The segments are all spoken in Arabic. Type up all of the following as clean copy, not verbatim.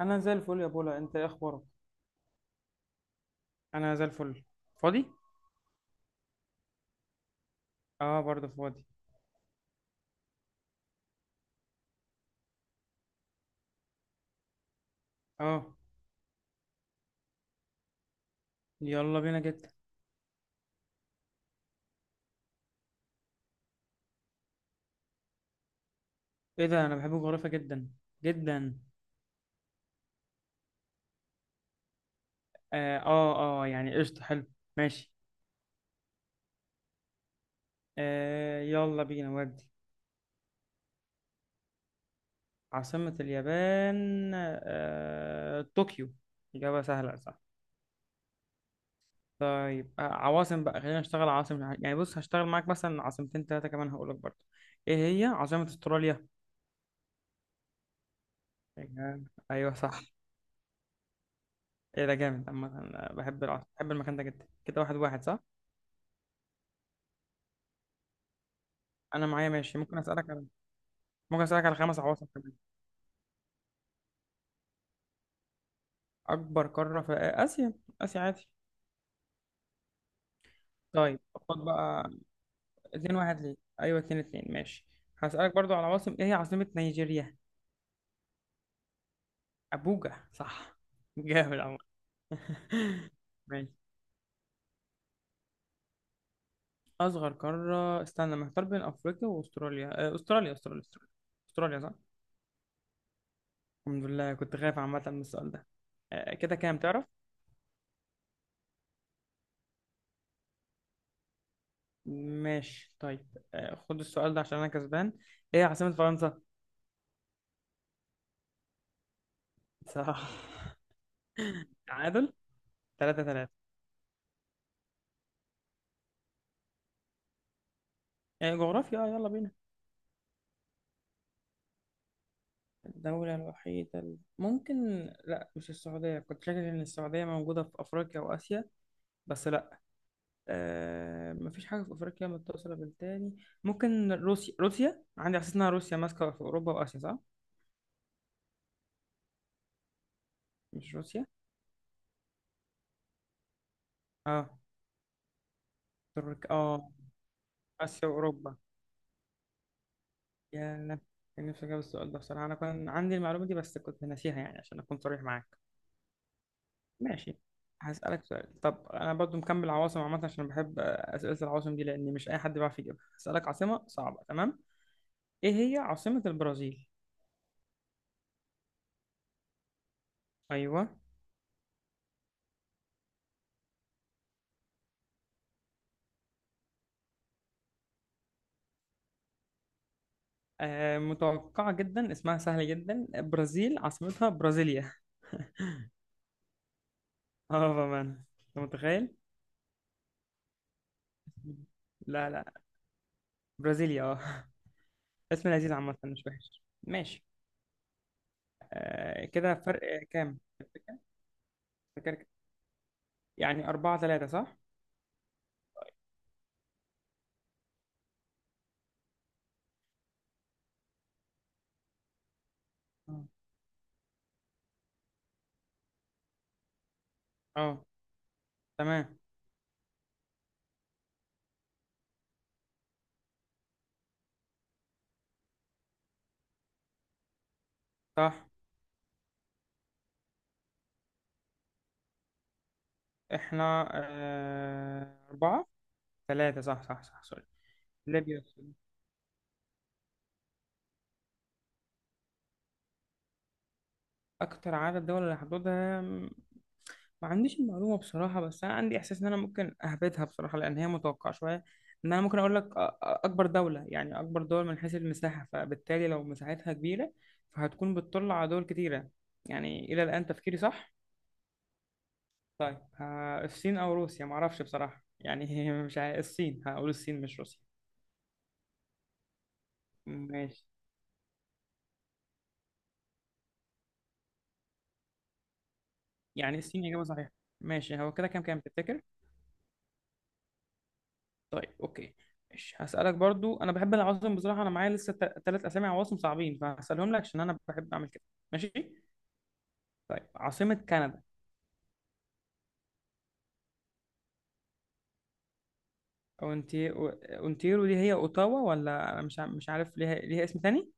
انا زي الفل يا بولا، انت ايه اخبارك؟ انا زي الفل. فاضي. اه، برضه فاضي. اه، يلا بينا جدا. ايه ده؟ انا بحب الجغرافيا جدا. جدا. اه، يعني قشطة، حلو. ماشي. يلا بينا ودي. عاصمة اليابان طوكيو. إجابة سهلة، صح؟ طيب، عواصم بقى، خلينا نشتغل عواصم، يعني بص هشتغل معاك مثلا عاصمتين تلاتة كمان هقولك برضه. ايه هي عاصمة استراليا؟ ايوه صح. ايه ده؟ جامد عامة، أنا بحب العصر، بحب المكان ده جدا، كده واحد واحد صح. انا معايا ماشي، ممكن اسالك على خمس عواصم كمان. اكبر قارة في اسيا. اسيا، عادي. طيب. خد بقى. اتنين واحد؟ ليه؟ ايوه اتنين اتنين، ماشي. هسالك برضو على عواصم. ايه هي عاصمة نيجيريا؟ ابوجا، صح. جامد عامة. ماشي. اصغر قارة، استنى محتار بين افريقيا واستراليا. استراليا استراليا استراليا. استراليا، صح. الحمد لله، كنت خايف عامة من السؤال ده. كده كام، تعرف؟ ماشي، طيب. خد السؤال ده عشان انا كسبان. ايه عاصمة فرنسا؟ صح. تعادل. 3 3. يعني جغرافيا. يلا بينا. الدولة الوحيدة ممكن. لا، مش السعودية، كنت فاكر ان السعودية موجودة في افريقيا واسيا. بس لا. مفيش حاجة في افريقيا متصلة بالتاني. ممكن روسيا، روسيا عندي احساس انها روسيا ماسكة في اوروبا واسيا، صح؟ مش روسيا. اه. اه. اسيا واوروبا. يا. كان نفسي أجاوب السؤال ده بصراحة، أنا كان عندي المعلومة دي بس كنت ناسيها، يعني عشان أكون صريح معاك. ماشي. هسألك سؤال. طب، أنا برضو مكمل عواصم عامة عشان بحب أسئلة العواصم دي، لأن مش أي حد بيعرف يجيبها. هسألك عاصمة صعبة، تمام؟ إيه هي عاصمة البرازيل؟ أيوه. متوقعة جدا، اسمها سهل جدا، برازيل عاصمتها برازيليا. اه، بأمانة. أنت متخيل؟ لا لا. برازيليا اه. اسم لذيذ عامة، مش وحش، ماشي. كده فرق كام؟ فاكر. يعني أربعة ثلاثة، صح؟ آه. اه، تمام. صح. احنا أربعة. ثلاثة، صح صح صح، سوري. ليبيا والسودان. أكتر عدد دول اللي هحددها. ما عنديش المعلومة بصراحة، بس أنا عندي إحساس إن أنا ممكن أهبطها بصراحة، لأن هي متوقعة شوية. إن أنا ممكن أقول لك أكبر دولة، يعني أكبر دول من حيث المساحة، فبالتالي لو مساحتها كبيرة فهتكون بتطل على دول كتيرة. يعني إلى الآن تفكيري صح؟ طيب، الصين او روسيا معرفش بصراحه يعني مش عارف الصين، هقول الصين مش روسيا. ماشي. يعني الصين اجابه صحيحه. ماشي، هو كده كام تفتكر؟ طيب، اوكي. ماشي، هسالك برضو، انا بحب العواصم بصراحه، انا معايا لسه ثلاث اسامي عواصم صعبين فهسالهم لك عشان انا بحب اعمل كده. ماشي. طيب، عاصمه كندا؟ اونتي اونتيرو دي هي اوتاوا، ولا أنا مش عارف ليها اسم تاني؟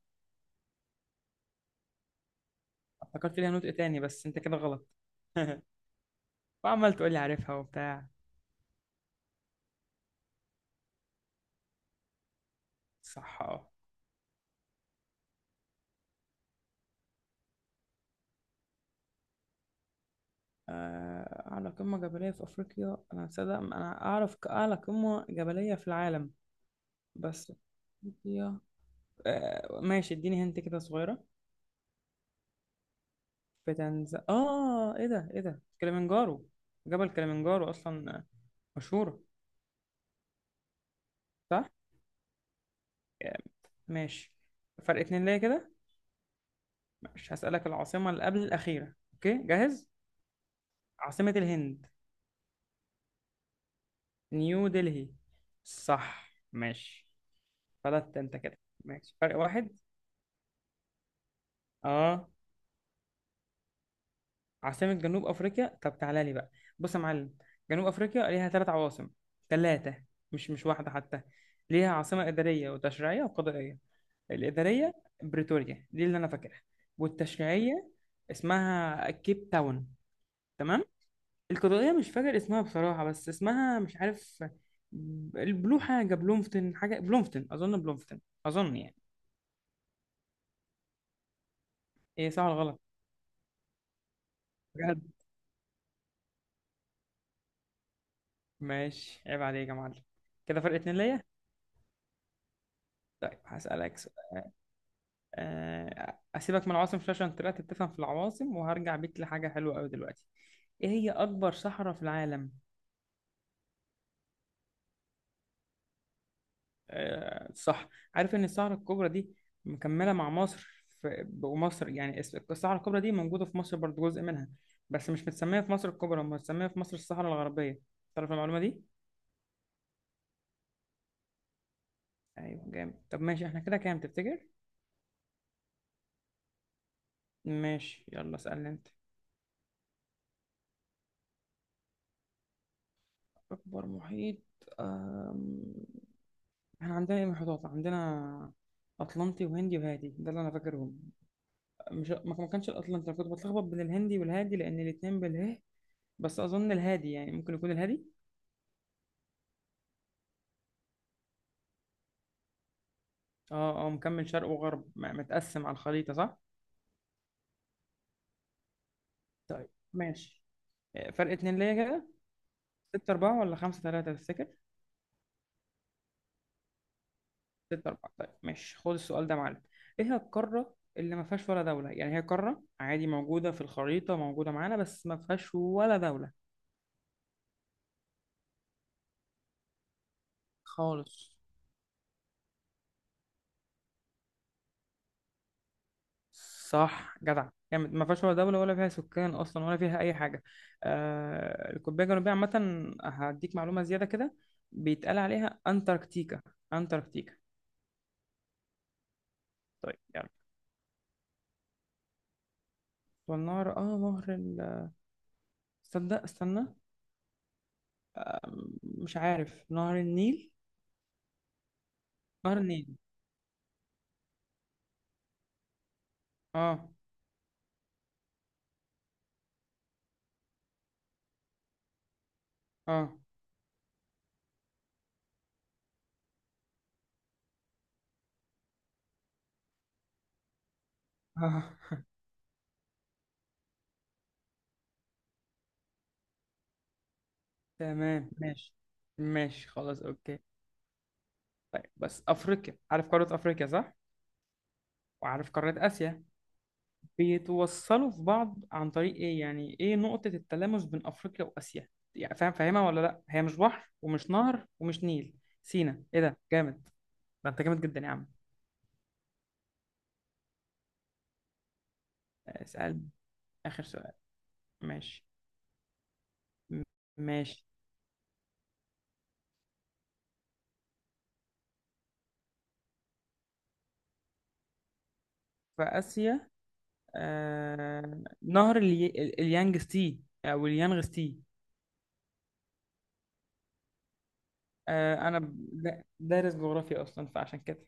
افتكرت ليها نطق تاني، بس انت كده غلط. وعمال تقول لي عارفها وبتاع. صح. أعلى قمة جبلية في أفريقيا، أنا صدق أنا أعرف أعلى قمة جبلية في العالم. بس أفريقيا. ماشي، اديني هنت كده صغيرة. في إيه ده، إيه ده، كليمنجارو! جبل كليمنجارو أصلا، مشهورة. صح؟ آه، ماشي. فرق اتنين ليا كده. مش هسألك. العاصمة اللي قبل الأخيرة، أوكي؟ جاهز؟ عاصمة الهند؟ نيو دلهي. صح، ماشي. فلت أنت كده. ماشي، فرق واحد. آه عاصمة جنوب أفريقيا، طب تعالى لي بقى. بص يا معلم، جنوب أفريقيا ليها ثلاث عواصم. ثلاثة. مش واحدة حتى. ليها عاصمة إدارية وتشريعية وقضائية. الإدارية بريتوريا دي اللي أنا فاكرها. والتشريعية اسمها كيب تاون. تمام. القضائية مش فاكر اسمها بصراحة، بس اسمها مش عارف. حاجة بلومفتن، حاجة بلومفتن، أظن بلومفتن. أظن يعني. إيه، صح ولا غلط؟ بجد؟ ماشي، عيب عليك يا معلم. كده فرق اتنين ليا. طيب هسألك. اسيبك من العواصم شويه، عشان طلعت بتفهم في العواصم، وهرجع بيك لحاجه حلوه قوي دلوقتي. ايه هي اكبر صحراء في العالم؟ صح. عارف ان الصحراء الكبرى دي مكمله مع مصر، في ومصر يعني الصحراء الكبرى دي موجوده في مصر برضو، جزء منها. بس مش متسميه في مصر الكبرى، متسميه في مصر الصحراء الغربيه. تعرف المعلومه دي؟ ايوه جامد. طب ماشي، احنا كده كام تفتكر؟ ماشي، يلا اسالني انت. اكبر محيط. احنا عندنا ايه محيطات عندنا؟ اطلنطي وهندي وهادي، ده اللي انا فاكرهم. مش، ما كانش الاطلنطي، انا كنت بتلخبط بين الهندي والهادي لان الاتنين باله. بس اظن الهادي، يعني ممكن يكون الهادي. اه، مكمل شرق وغرب متقسم على الخريطة، صح؟ طيب، ماشي. فرق اتنين ليا كده. ستة أربعة ولا خمسة تلاتة تفتكر؟ ستة أربعة. طيب ماشي، خد السؤال ده يا معلم. ايه هي القارة اللي ما فيهاش ولا دولة؟ يعني هي قارة عادي، موجودة في الخريطة، موجودة معانا، بس ما فيهاش ولا دولة. خالص. صح، جدع. يعني ما فيهاش ولا دولة ولا فيها سكان أصلا ولا فيها أي حاجة. القطبية الجنوبية عامة، هديك معلومة زيادة كده. بيتقال عليها أنتاركتيكا. أنتاركتيكا. طيب يلا. والنهر، نهر تصدق، استنى. مش عارف. نهر النيل؟ نهر النيل. آه آه. آه تمام. ماشي. ماشي، خلاص، أوكي. طيب بس أفريقيا، عارف قارة أفريقيا صح؟ وعارف قارة آسيا؟ بيتوصلوا في بعض عن طريق ايه؟ يعني ايه نقطة التلامس بين افريقيا واسيا؟ يعني فاهم، فاهمها ولا لا؟ هي مش بحر ومش نهر ومش نيل. سينا، ايه ده؟ جامد. ده انت جامد جدا يا عم. اسأل. اخر سؤال. ماشي. م- ماشي. في اسيا. نهر اليانجستي او اليانغستي. انا دارس جغرافيا اصلا، فعشان كده.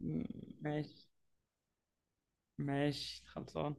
م- ماشي. ماشي، خلصان.